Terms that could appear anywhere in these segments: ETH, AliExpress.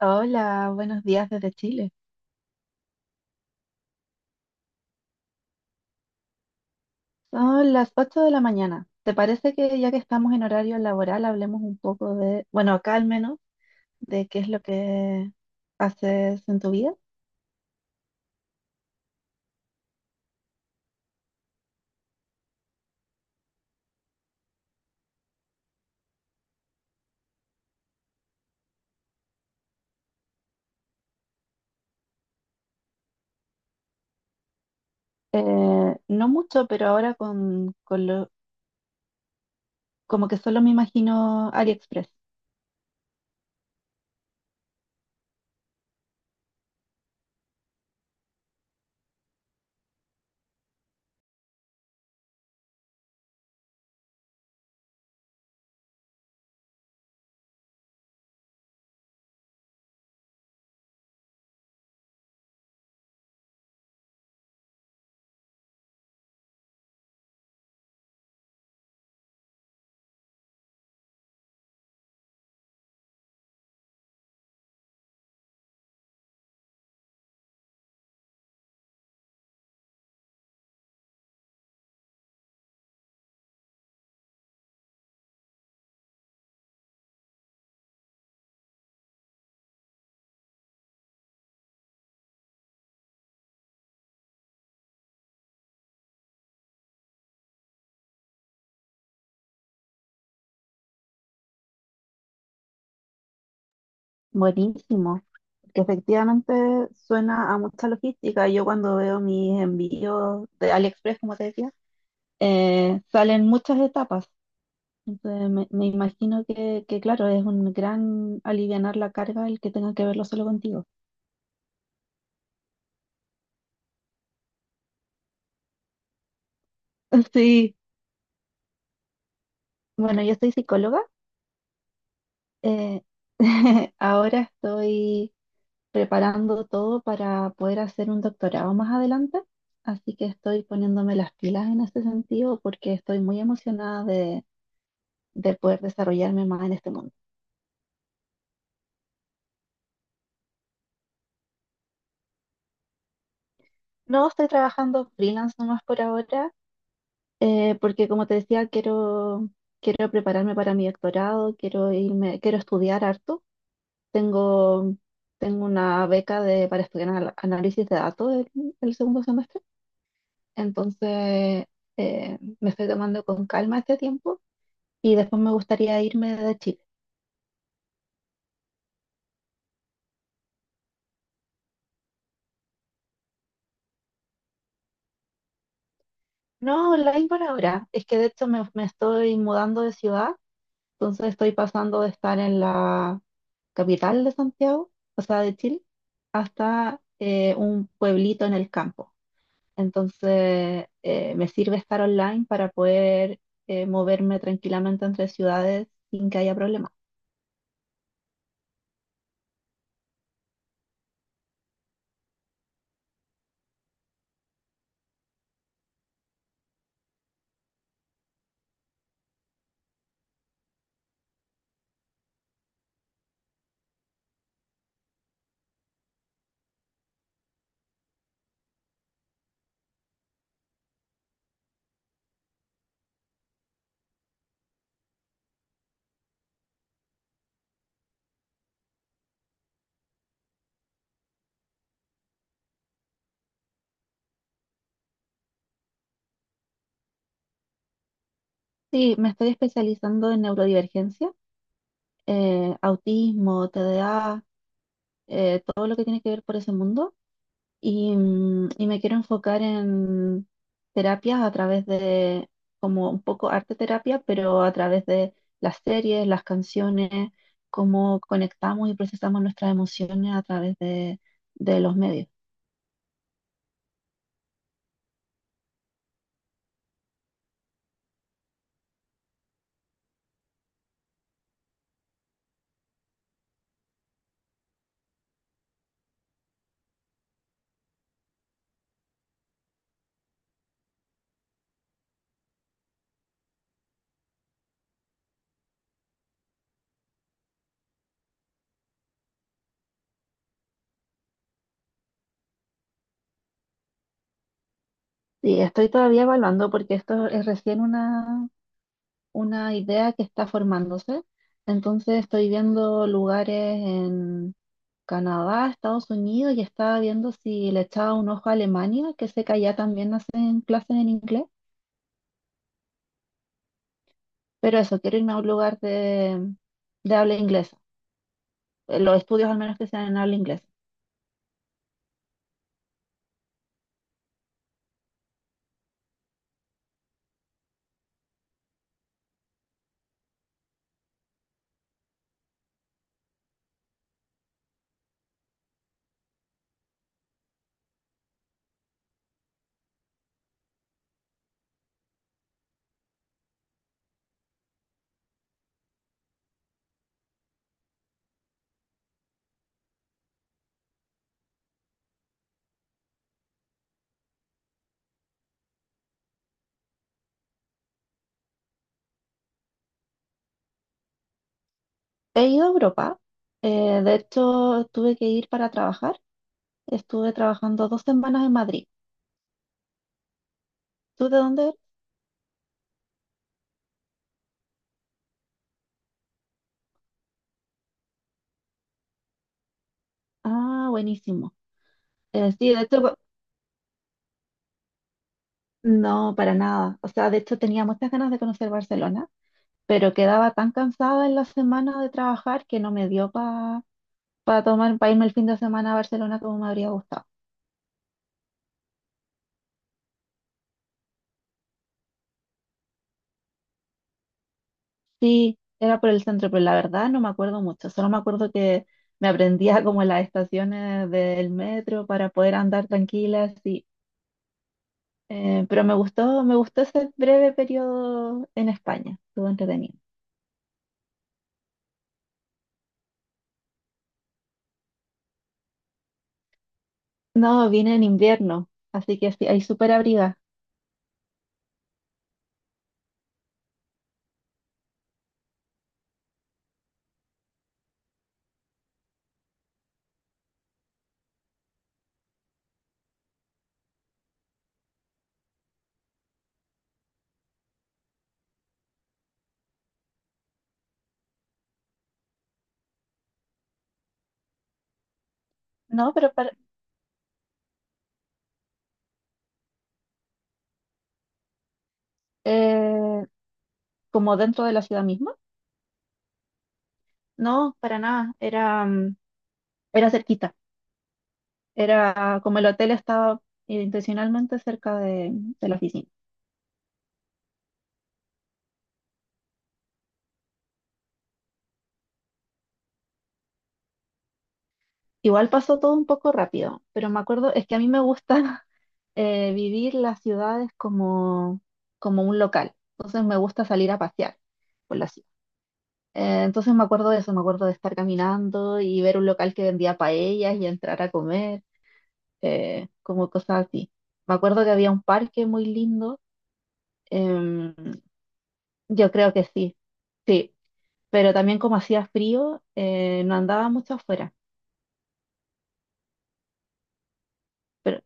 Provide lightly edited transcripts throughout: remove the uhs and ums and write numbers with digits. Hola, buenos días desde Chile. Son las 8 de la mañana. ¿Te parece que ya que estamos en horario laboral, hablemos un poco de, bueno, acá al menos, de qué es lo que haces en tu vida? No mucho, pero ahora como que solo me imagino AliExpress. Buenísimo, que efectivamente suena a mucha logística. Yo cuando veo mis envíos de AliExpress, como te decía, salen muchas etapas. Entonces, me imagino claro, es un gran alivianar la carga el que tenga que verlo solo contigo. Sí, bueno, yo soy psicóloga. eh, ahora estoy preparando todo para poder hacer un doctorado más adelante, así que estoy poniéndome las pilas en ese sentido porque estoy muy emocionada de poder desarrollarme más en este mundo. No estoy trabajando freelance nomás por ahora. Porque como te decía, quiero prepararme para mi doctorado, quiero irme, quiero estudiar harto. Tengo, tengo una beca para estudiar análisis de datos el segundo semestre, entonces me estoy tomando con calma este tiempo y después me gustaría irme de Chile. No, online por ahora. Es que de hecho me estoy mudando de ciudad. Entonces estoy pasando de estar en la capital de Santiago, o sea, de Chile, hasta un pueblito en el campo. Entonces me sirve estar online para poder moverme tranquilamente entre ciudades sin que haya problemas. Sí, me estoy especializando en neurodivergencia, autismo, TDA, todo lo que tiene que ver por ese mundo. Y me quiero enfocar en terapias como un poco arte terapia, pero a través de las series, las canciones, cómo conectamos y procesamos nuestras emociones de los medios. Y estoy todavía evaluando porque esto es recién una idea que está formándose. Entonces estoy viendo lugares en Canadá, Estados Unidos y estaba viendo si le echaba un ojo a Alemania, que sé que allá también hacen clases en inglés. Pero eso, quiero irme a un lugar de habla inglesa. Los estudios al menos que sean en habla inglesa. He ido a Europa. De hecho, tuve que ir para trabajar. Estuve trabajando dos semanas en Madrid. ¿Tú de dónde eres? Ah, buenísimo. Sí, de hecho, no, para nada. O sea, de hecho tenía muchas ganas de conocer Barcelona, pero quedaba tan cansada en la semana de trabajar que no me dio para tomar, para irme el fin de semana a Barcelona como me habría gustado. Sí, era por el centro, pero la verdad no me acuerdo mucho. Solo me acuerdo que me aprendía como las estaciones del metro para poder andar tranquila, así. Pero me gustó ese breve periodo en España. Estuvo entretenido. No, vine en invierno, así que sí, ahí súper abriga. No, pero para, eh, como dentro de la ciudad misma. No, para nada, era cerquita. Era como el hotel estaba intencionalmente cerca de la oficina. Igual pasó todo un poco rápido, pero me acuerdo, es que a mí me gusta vivir las ciudades como un local. Entonces me gusta salir a pasear por la ciudad. Entonces me acuerdo de eso, me acuerdo de estar caminando y ver un local que vendía paellas y entrar a comer, como cosas así. Me acuerdo que había un parque muy lindo. em, Yo creo que sí, sí, pero también como hacía frío, no andaba mucho afuera. Pero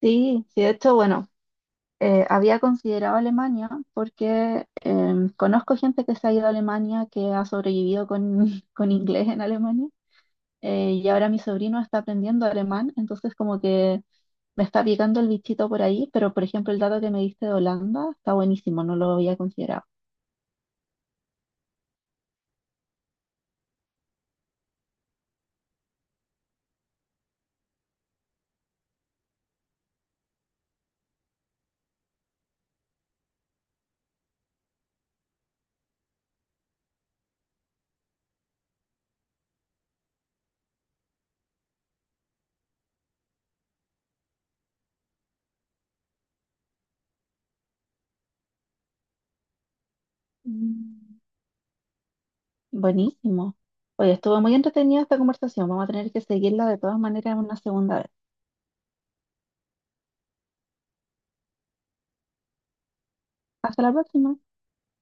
sí, sí, de hecho, bueno, había considerado Alemania porque conozco gente que se ha ido a Alemania, que ha sobrevivido con, con inglés en Alemania, y ahora mi sobrino está aprendiendo alemán, entonces como que me está picando el bichito por ahí, pero por ejemplo el dato que me diste de Holanda está buenísimo, no lo había considerado. Mm. Buenísimo. Oye, estuvo muy entretenida esta conversación. Vamos a tener que seguirla de todas maneras una segunda vez. Hasta la próxima.